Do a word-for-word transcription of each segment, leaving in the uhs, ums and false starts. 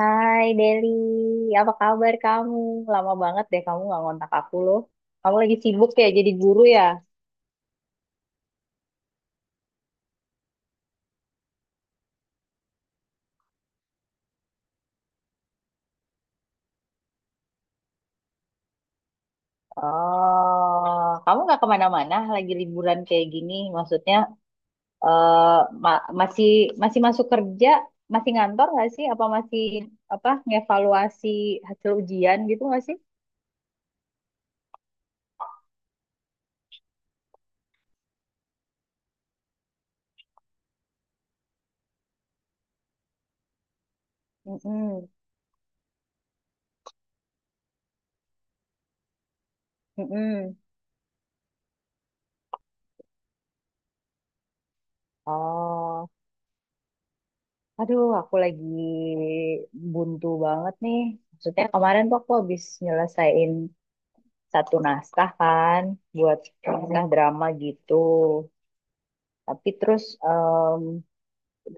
Hai Deli, apa kabar kamu? Lama banget deh kamu nggak ngontak aku loh. Kamu lagi sibuk ya jadi guru ya? Oh, kamu nggak kemana-mana lagi liburan kayak gini? Maksudnya eh, ma- masih masih masuk kerja, masih ngantor nggak sih? Apa masih apa ngevaluasi hasil ujian gitu nggak sih? Mm-mm, mm-mm. Oh, aduh aku lagi buntu banget nih. Maksudnya kemarin tuh aku habis nyelesain satu naskah kan buat naskah drama gitu. Tapi terus em,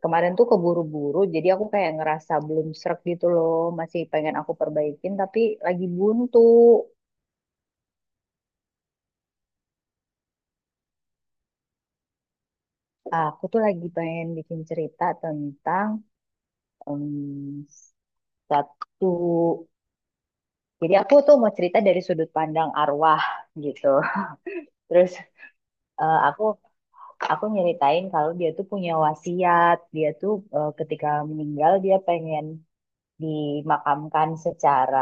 kemarin tuh keburu-buru jadi aku kayak ngerasa belum srek gitu loh, masih pengen aku perbaikin tapi lagi buntu. Ah, Aku tuh lagi pengen bikin cerita tentang em, satu jadi aku tuh mau cerita dari sudut pandang arwah gitu. Terus eh, aku aku nyeritain kalau dia tuh punya wasiat, dia tuh eh, ketika meninggal dia pengen dimakamkan secara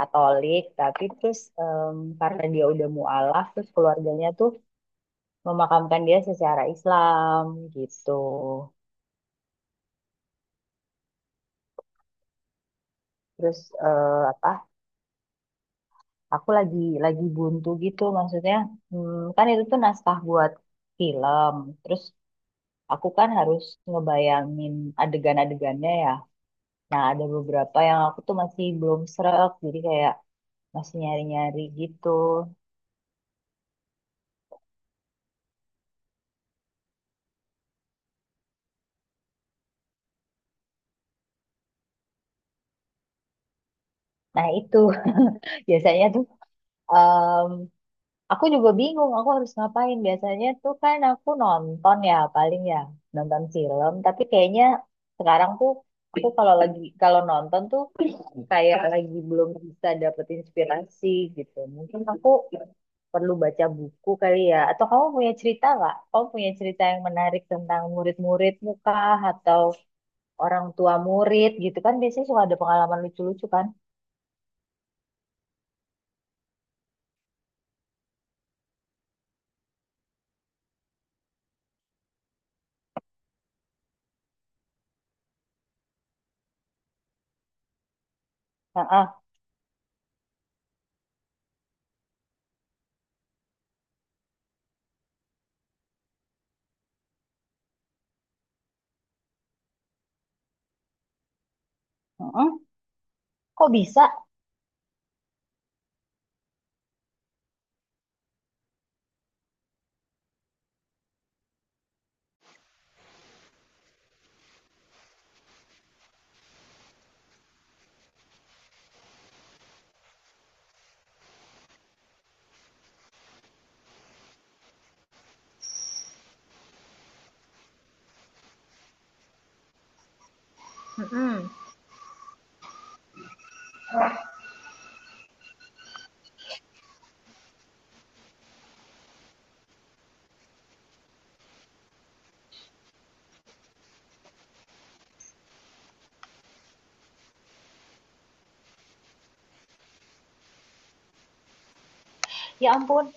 Katolik, tapi terus em, karena dia udah mualaf, terus keluarganya tuh memakamkan dia secara Islam gitu. Terus eh, apa? Aku lagi lagi buntu gitu, maksudnya hmm, kan itu tuh naskah buat film. Terus aku kan harus ngebayangin adegan-adegannya ya. Nah, ada beberapa yang aku tuh masih belum srek, jadi kayak masih nyari-nyari gitu. Nah, itu biasanya tuh Aku juga bingung, aku harus ngapain. Biasanya tuh kan aku nonton ya, paling ya nonton film. Tapi kayaknya sekarang tuh aku kalau lagi kalau nonton tuh kayak lagi belum bisa dapet inspirasi gitu. Mungkin aku perlu baca buku kali ya. Atau kamu punya cerita nggak? Kamu punya cerita yang menarik tentang murid-murid muka atau orang tua murid gitu kan? Biasanya suka ada pengalaman lucu-lucu kan? Heeh. Heeh. Kok bisa? Heeh. Ya ampun.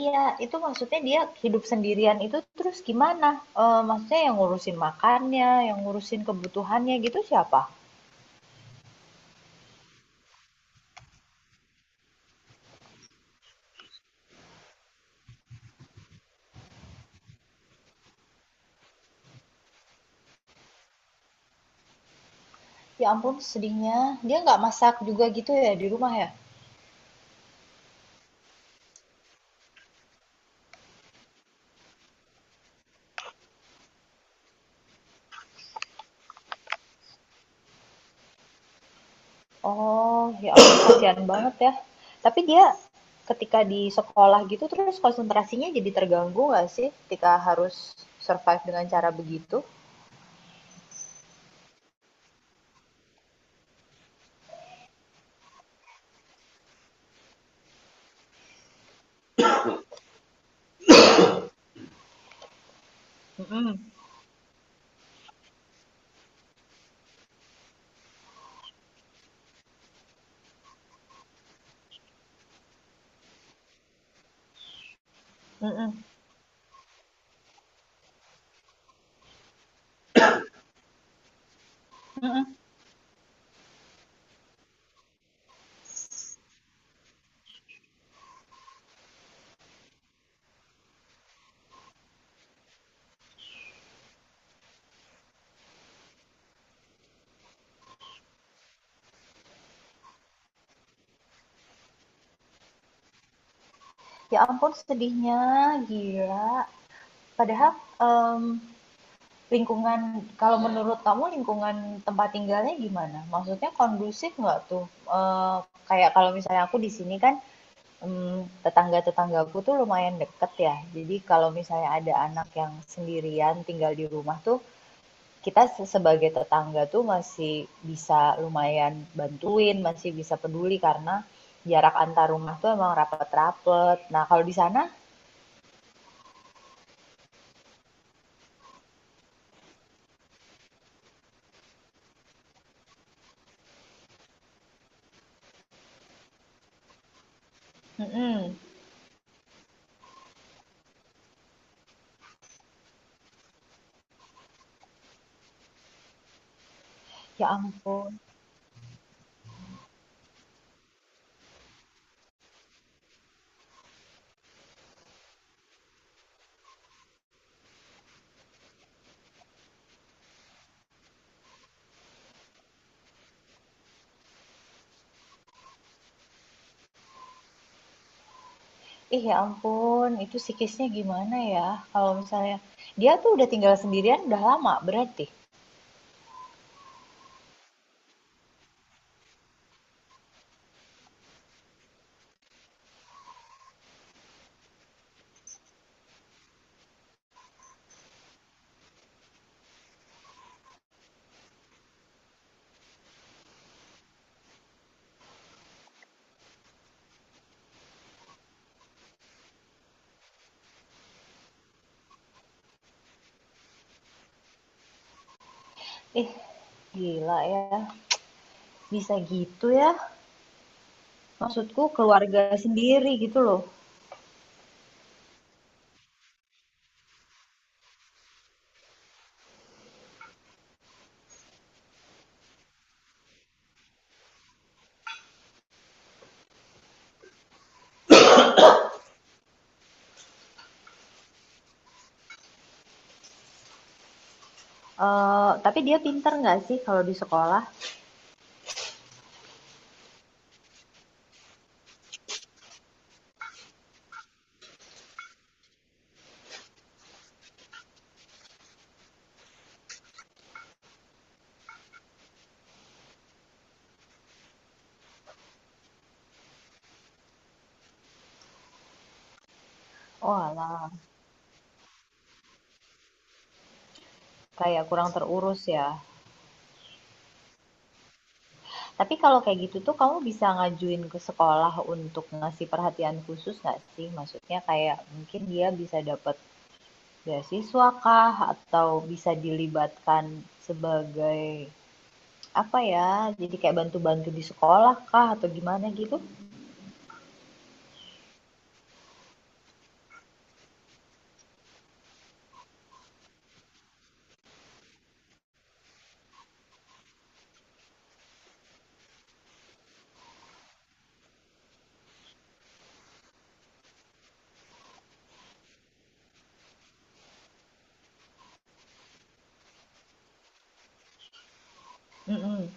Iya, itu maksudnya dia hidup sendirian itu terus gimana? Eee, maksudnya yang ngurusin makannya, yang ngurusin kebutuhannya gitu siapa? Ya ampun sedihnya, dia nggak masak juga gitu ya di rumah ya? Oh, ya ampun kasihan banget ya. Tapi dia ketika di sekolah gitu terus konsentrasinya jadi terganggu nggak sih ketika harus survive dengan cara begitu? Mhm, mhm, mhm. Ya ampun sedihnya, gila. Padahal, mmm, lingkungan kalau menurut kamu lingkungan tempat tinggalnya gimana? Maksudnya kondusif nggak tuh? Eh, kayak kalau misalnya aku di sini kan mm, tetangga-tetanggaku tuh lumayan deket ya. Jadi kalau misalnya ada anak yang sendirian tinggal di rumah tuh kita sebagai tetangga tuh masih bisa lumayan bantuin, masih bisa peduli karena jarak antar rumah tuh emang rapet-rapet. Nah kalau di sana, mm-mm. ya ampun. Ih, ya ampun, itu psikisnya gimana ya? Kalau misalnya dia tuh udah tinggal sendirian udah lama berarti. Ih, gila ya. Bisa gitu ya. Maksudku keluarga sendiri gitu loh. Eh, tapi dia pinter nggak sih kalau di sekolah? Oh alah, kayak kurang terurus ya. Tapi kalau kayak gitu tuh kamu bisa ngajuin ke sekolah untuk ngasih perhatian khusus nggak sih? Maksudnya kayak mungkin dia bisa dapat Beasiswa kah? Atau bisa dilibatkan sebagai, apa ya, jadi kayak bantu-bantu di sekolah kah? Atau gimana gitu? Mhm,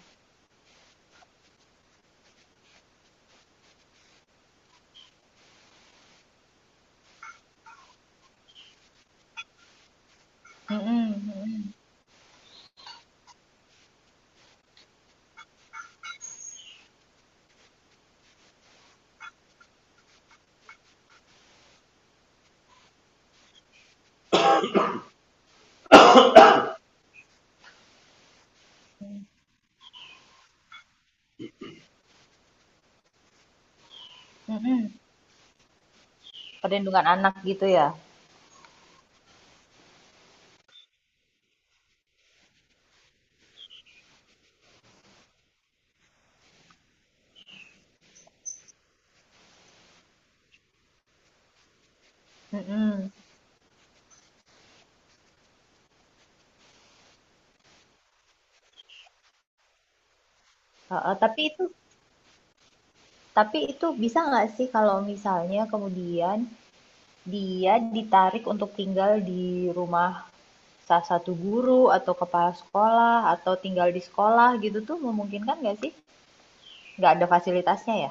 mhm, mhm, mhm, mhm. Perlindungan anak gitu ya? Mhm, heeh, tapi itu tapi itu bisa nggak sih kalau misalnya kemudian dia ditarik untuk tinggal di rumah salah satu guru atau kepala sekolah atau tinggal di sekolah gitu tuh memungkinkan nggak sih? Nggak ada fasilitasnya ya?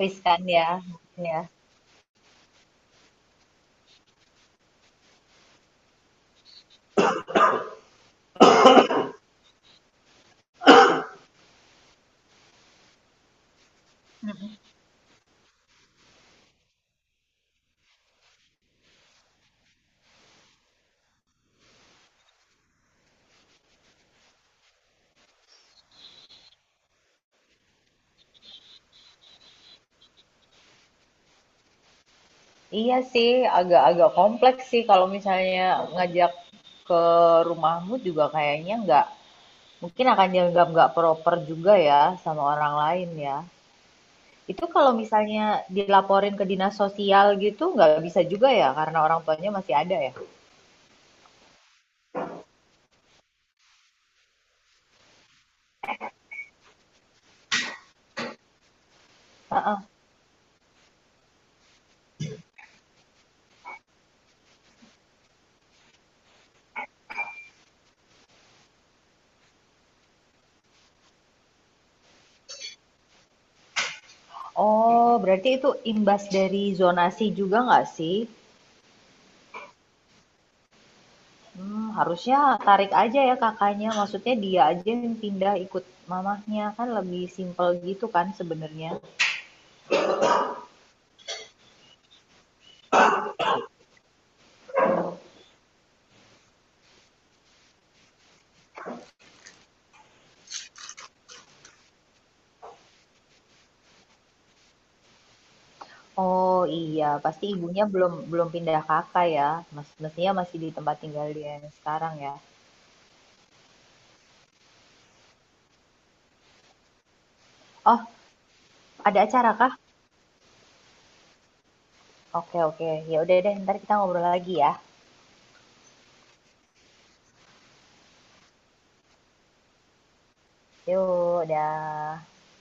Riskan ya, ya. Mm-hmm. Iya sih, agak-agak kompleks sih kalau misalnya ngajak ke rumahmu juga kayaknya nggak mungkin akan dianggap nggak proper juga ya sama orang lain ya. Itu kalau misalnya dilaporin ke dinas sosial gitu nggak bisa juga ya karena orang tuanya masih ada ya. Heeh. Oh, berarti itu imbas dari zonasi juga nggak sih? Hmm harusnya tarik aja ya kakaknya, maksudnya dia aja yang pindah ikut mamahnya, kan lebih simpel gitu kan sebenarnya. Oh iya, pasti ibunya belum belum pindah Kakak ya, mes mestinya masih di tempat tinggal dia yang sekarang ya. Oh, ada acara kah? Oke oke, ya udah deh, entar kita ngobrol lagi ya. Yuk, dah.